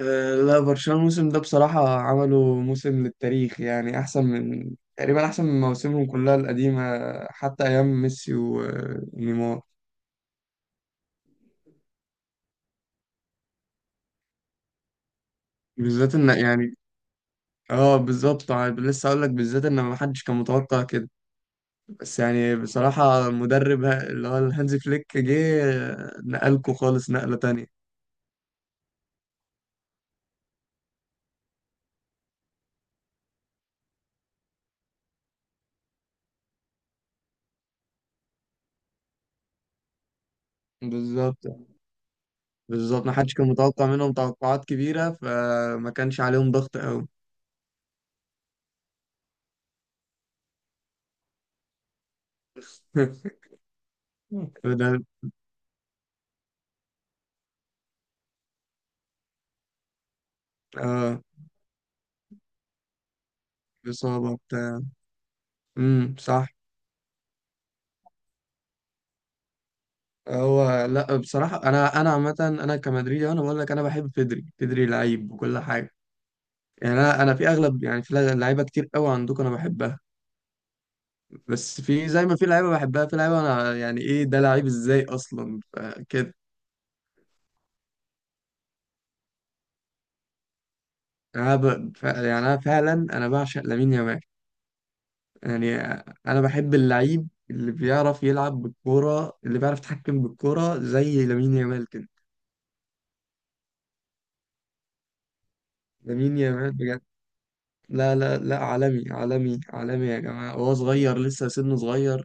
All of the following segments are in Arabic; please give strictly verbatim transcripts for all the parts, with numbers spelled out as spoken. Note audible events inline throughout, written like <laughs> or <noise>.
آه، لا، برشلونة الموسم ده بصراحة عملوا موسم للتاريخ، يعني أحسن من، تقريبا، أحسن من مواسمهم كلها القديمة، حتى أيام ميسي و- ونيمار. بالذات إن يعني، اه بالظبط. ع- لسه أقول لك، بالذات إن ما حدش كان متوقع كده. بس يعني بصراحة المدرب، ه- اللي هو الهانز فليك، جه. آه، نقلكوا خالص نقلة تانية. بالظبط. بالظبط، ما حدش كان متوقع منهم توقعات كبيرة، فما كانش عليهم ضغط أوي. <laughs> بدل. اه. إصابة بتاع. امم صح. هو لا، بصراحه انا انا عامه، انا كمدريدي، انا بقول لك، انا بحب بيدري. بيدري لعيب وكل حاجه. يعني انا انا في اغلب، يعني في لعيبه كتير قوي عندكم انا بحبها. بس في، زي ما في لعيبه بحبها، في لعيبه انا يعني ايه ده؟ لعيب ازاي اصلا، ف- كده. انا ب... ف... يعني انا فعلا انا بعشق لامين يامال. يعني انا بحب اللعيب اللي بيعرف يلعب بالكوره، اللي بيعرف يتحكم بالكوره زي لامين يامال كده. لامين يامال، لا لا لا، عالمي عالمي عالمي يا جماعة، هو صغير لسه، سنه صغير.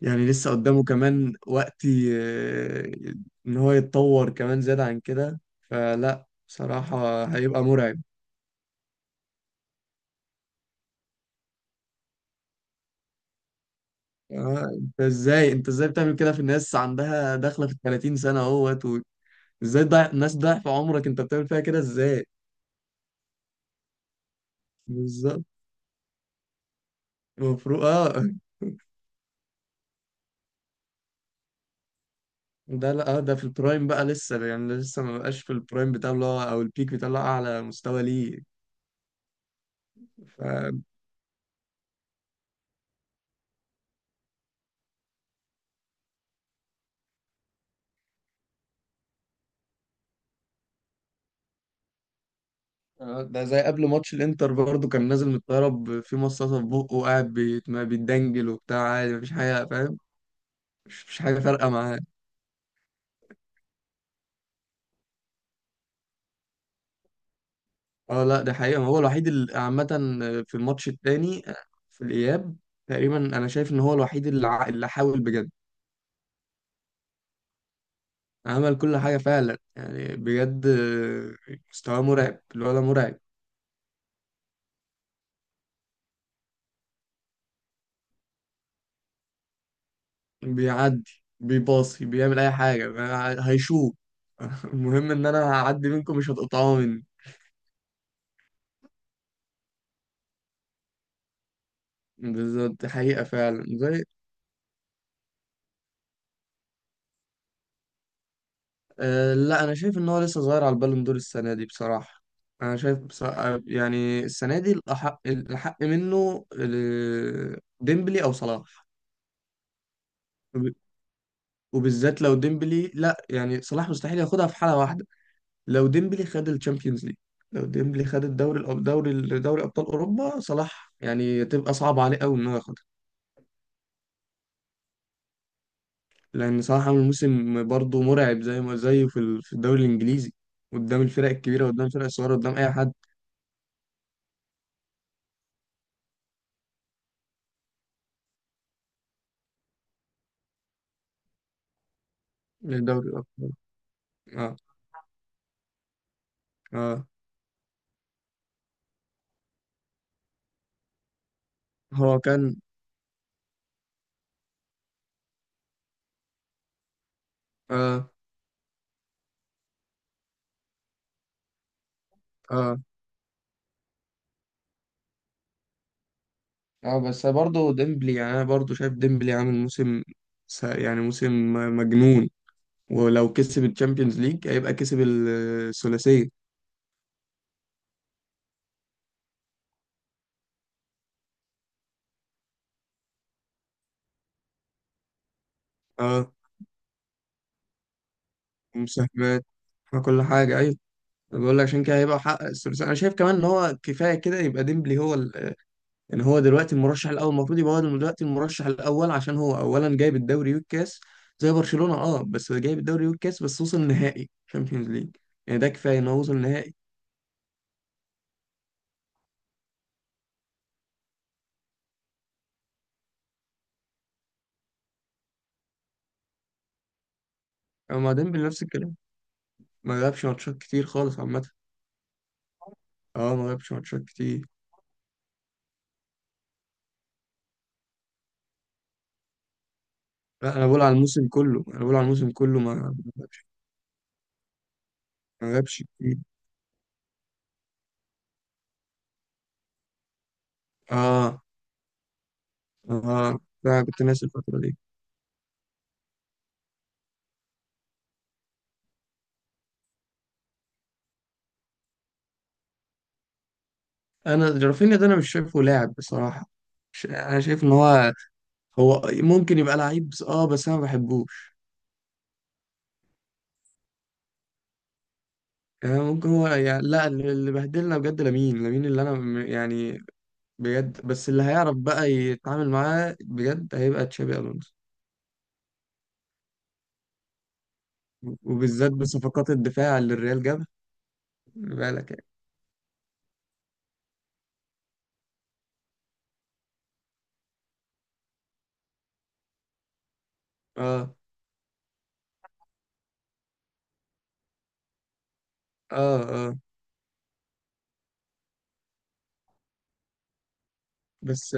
يعني لسه قدامه كمان وقت، ي- إن هو يتطور كمان زيادة عن كده، فلا بصراحة هيبقى مرعب. آه، انت ازاي انت ازاي بتعمل كده في الناس عندها داخلة في ال ثلاثين سنة اهوت و- ازاي؟ ضيع الناس ضعف عمرك، انت بتعمل فيها كده ازاي؟ بالظبط. المفروض، اه. ده لا، آه ده في البرايم بقى. لسه يعني لسه ما بقاش في البرايم بتاعه، اللي هو او البيك بتاعه، اللي هو اعلى مستوى ليه. آه، ده زي قبل ماتش الانتر برضه، كان نازل من الطياره، ب- في مصاصه في بقه وقاعد بيت- ما بيتدنجل وبتاع، عادي، مفيش حاجه، فاهم؟ مش مش حاجه فارقه معاه. اه لا، ده حقيقه، ما هو الوحيد اللي عامه. آه، في الماتش التاني، آه، في الاياب تقريبا، انا شايف ان هو الوحيد اللي، ع- اللي حاول بجد. عمل كل حاجه فعلا يعني بجد. آه، مستواه مرعب، الولد مرعب. بيعدي، بيباصي، بيعمل اي حاجه، ما- هيشوط. <laughs> المهم ان انا هعدي منكم، مش هتقطعوا مني. بالظبط، دي حقيقة فعلا زي. أه لا، انا شايف ان هو لسه صغير على البالون دور السنه دي، بصراحه. انا شايف بصراحة، يعني السنه دي الاحق، الاحق منه، ال- ديمبلي او صلاح. وب- وبالذات لو ديمبلي. لا يعني صلاح مستحيل ياخدها في حاله واحده، لو ديمبلي خد الشامبيونز ليج. لو ديمبلي خد الدوري، الأب- دوري دوري ابطال اوروبا، صلاح يعني تبقى صعب عليه قوي ان هو ياخدها. لان صلاح عامل موسم برضه مرعب، زي ما زيه في ال- في الدوري الانجليزي، قدام الفرق الكبيره، قدام الفرق الصغيره، قدام اي حد. من دوري الابطال. آه. اه. هو كان. اه. اه. اه بس برضه ديمبلي يعني، انا برضه شايف ديمبلي عامل موسم، س- يعني موسم مجنون. ولو كسب الشامبيونز ليج هيبقى كسب الثلاثية. اه، ومساهمات وكل حاجة، ايوه. بقول لك، عشان كده هيبقى حقق الثلاثية، انا شايف كمان ان هو كفاية كده يبقى ديمبلي هو ال... ان هو دلوقتي المرشح الاول. المفروض يبقى هو دلوقتي المرشح الاول، عشان هو اولا جايب الدوري والكاس. زي برشلونة، اه، بس جايب الدوري والكاس، بس وصل نهائي شامبيونز ليج، يعني ده كفاية ان هو وصل نهائي. ما ديمبلي نفس الكلام، ما لعبش ماتشات كتير خالص عامة. اه ما لعبش ماتشات كتير. لا انا بقول على الموسم كله، انا بقول على الموسم كله ما ما لعبش، ما لعبش كتير. اه. اه لا، كنت ناسي الفترة دي. انا رافينيا ده انا مش شايفه لاعب بصراحة. ش... انا شايف ان هو، هو ممكن يبقى لعيب، بس اه بس انا ما بحبوش. يعني ممكن هو، يعني لا، اللي اللي بهدلنا بجد لامين، لامين، اللي انا م- يعني بجد. بس اللي هيعرف بقى يتعامل معاه بجد هيبقى تشابي الونسو، وبالذات بصفقات الدفاع اللي الريال جابها. خلي بالك يعني. اه. اه. اه. بس،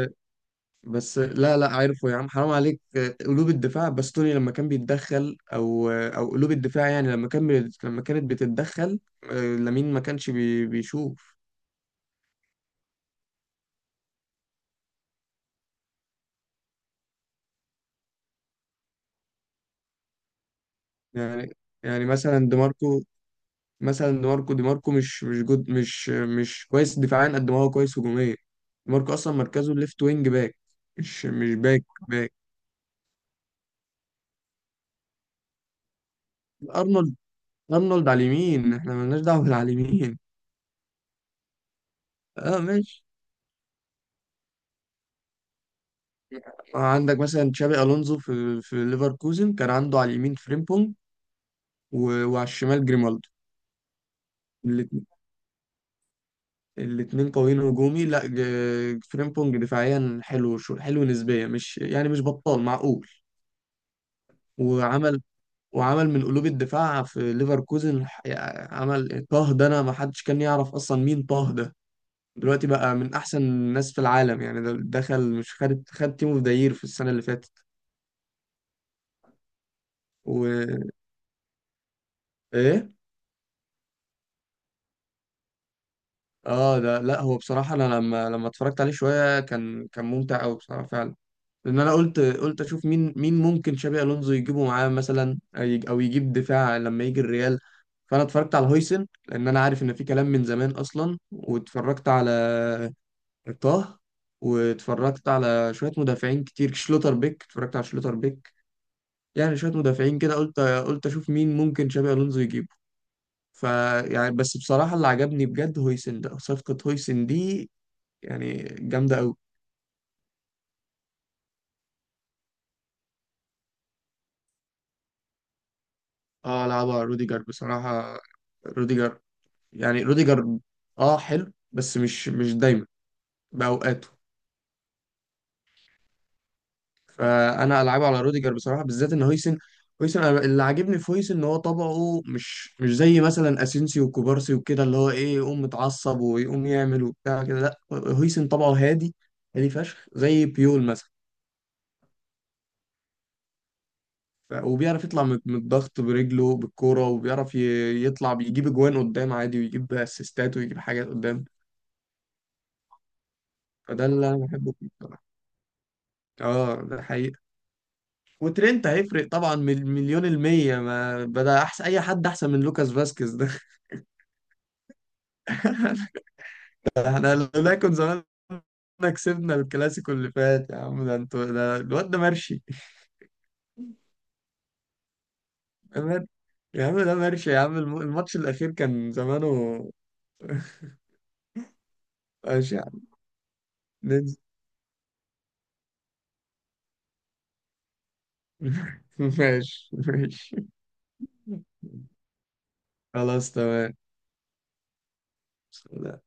بس لا لا، عارفه يا عم، حرام عليك. آه، قلوب الدفاع، باستوني لما كان بيتدخل، او او قلوب الدفاع يعني لما كان، لما كانت بتتدخل، آه، لامين ما كانش بي بيشوف. يعني. يعني مثلا دي ماركو، مثلا دي ماركو، دي ماركو مش مش جود، مش مش كويس دفاعيا قد ما هو كويس هجوميا. دي ماركو اصلا مركزه ليفت وينج باك، مش مش باك، باك. ارنولد، ارنولد على اليمين، احنا مالناش دعوه <laughs> بالعلى اليمين. اه ماشي. عندك مثلا تشابي الونزو في في ليفركوزن كان عنده على اليمين فريمبونج، و- وعلى الشمال جريمالدو. الاثنين قويين هجومي. لا، ج- فريمبونج دفاعيا حلو، شو حلو نسبيا، مش يعني مش بطال، معقول. وعمل، وعمل من قلوب الدفاع في ليفركوزن، ح- يعني عمل طه ده، انا ما حدش كان يعرف اصلا مين طه ده. دلوقتي بقى من احسن الناس في العالم، يعني ده دخل، مش خد، خد تيم اوف ذا يير في السنه اللي فاتت. وايه. اه ده لا، هو بصراحه انا لما لما اتفرجت عليه شويه، كان كان ممتع قوي بصراحه فعلا. لان انا قلت، قلت اشوف مين، مين ممكن شابي الونزو يجيبه معاه مثلا، او يج- أو يجيب دفاع لما يجي الريال. فانا اتفرجت على هويسن، لان انا عارف ان في كلام من زمان اصلا، واتفرجت على طه، واتفرجت على شويه مدافعين كتير، شلوتر بيك، اتفرجت على شلوتر بيك. يعني شويه مدافعين كده قلت، قلت اشوف مين ممكن شابي الونزو يجيبه. فيعني، بس بصراحة اللي عجبني بجد هويسن ده، صفقة هويسن دي يعني جامدة أوي. اه لعبها روديجر بصراحة. روديجر. يعني روديجر اه حلو، بس مش مش دايما، بأوقاته. فأنا ألعبه على روديجر بصراحة، بالذات إن هويسن، هويسن أنا اللي عاجبني في هويسن إن هو طبعه مش، مش زي مثلا أسينسي وكوبارسي وكده، اللي هو إيه، يقوم متعصب ويقوم يعمل وبتاع كده. لا، هويسن طبعه هادي، هادي فشخ، زي بيول مثلا. ف- وبيعرف يطلع من من الضغط برجله بالكوره، وبيعرف ي- يطلع بيجيب اجوان قدام عادي، ويجيب اسيستات، ويجيب حاجات قدام. فده اللي انا بحبه فيه بصراحه. اه ده حقيقة. وترينت هيفرق طبعا، مل- مليون المية، ما بدأ أحسن، أي حد أحسن من لوكاس فاسكيز ده. <laughs> احنا لولا كنا زمان كسبنا الكلاسيكو اللي فات، يا عم، ده انتوا، ده الواد ده مرشي. <laughs> أمان. يا عم ده مرشي، يا عم الم- الماتش الأخير كان زمانه. <laughs> ماشي يا عم. ننزل. <laughs> ماشي، ماشي، خلاص، تمام.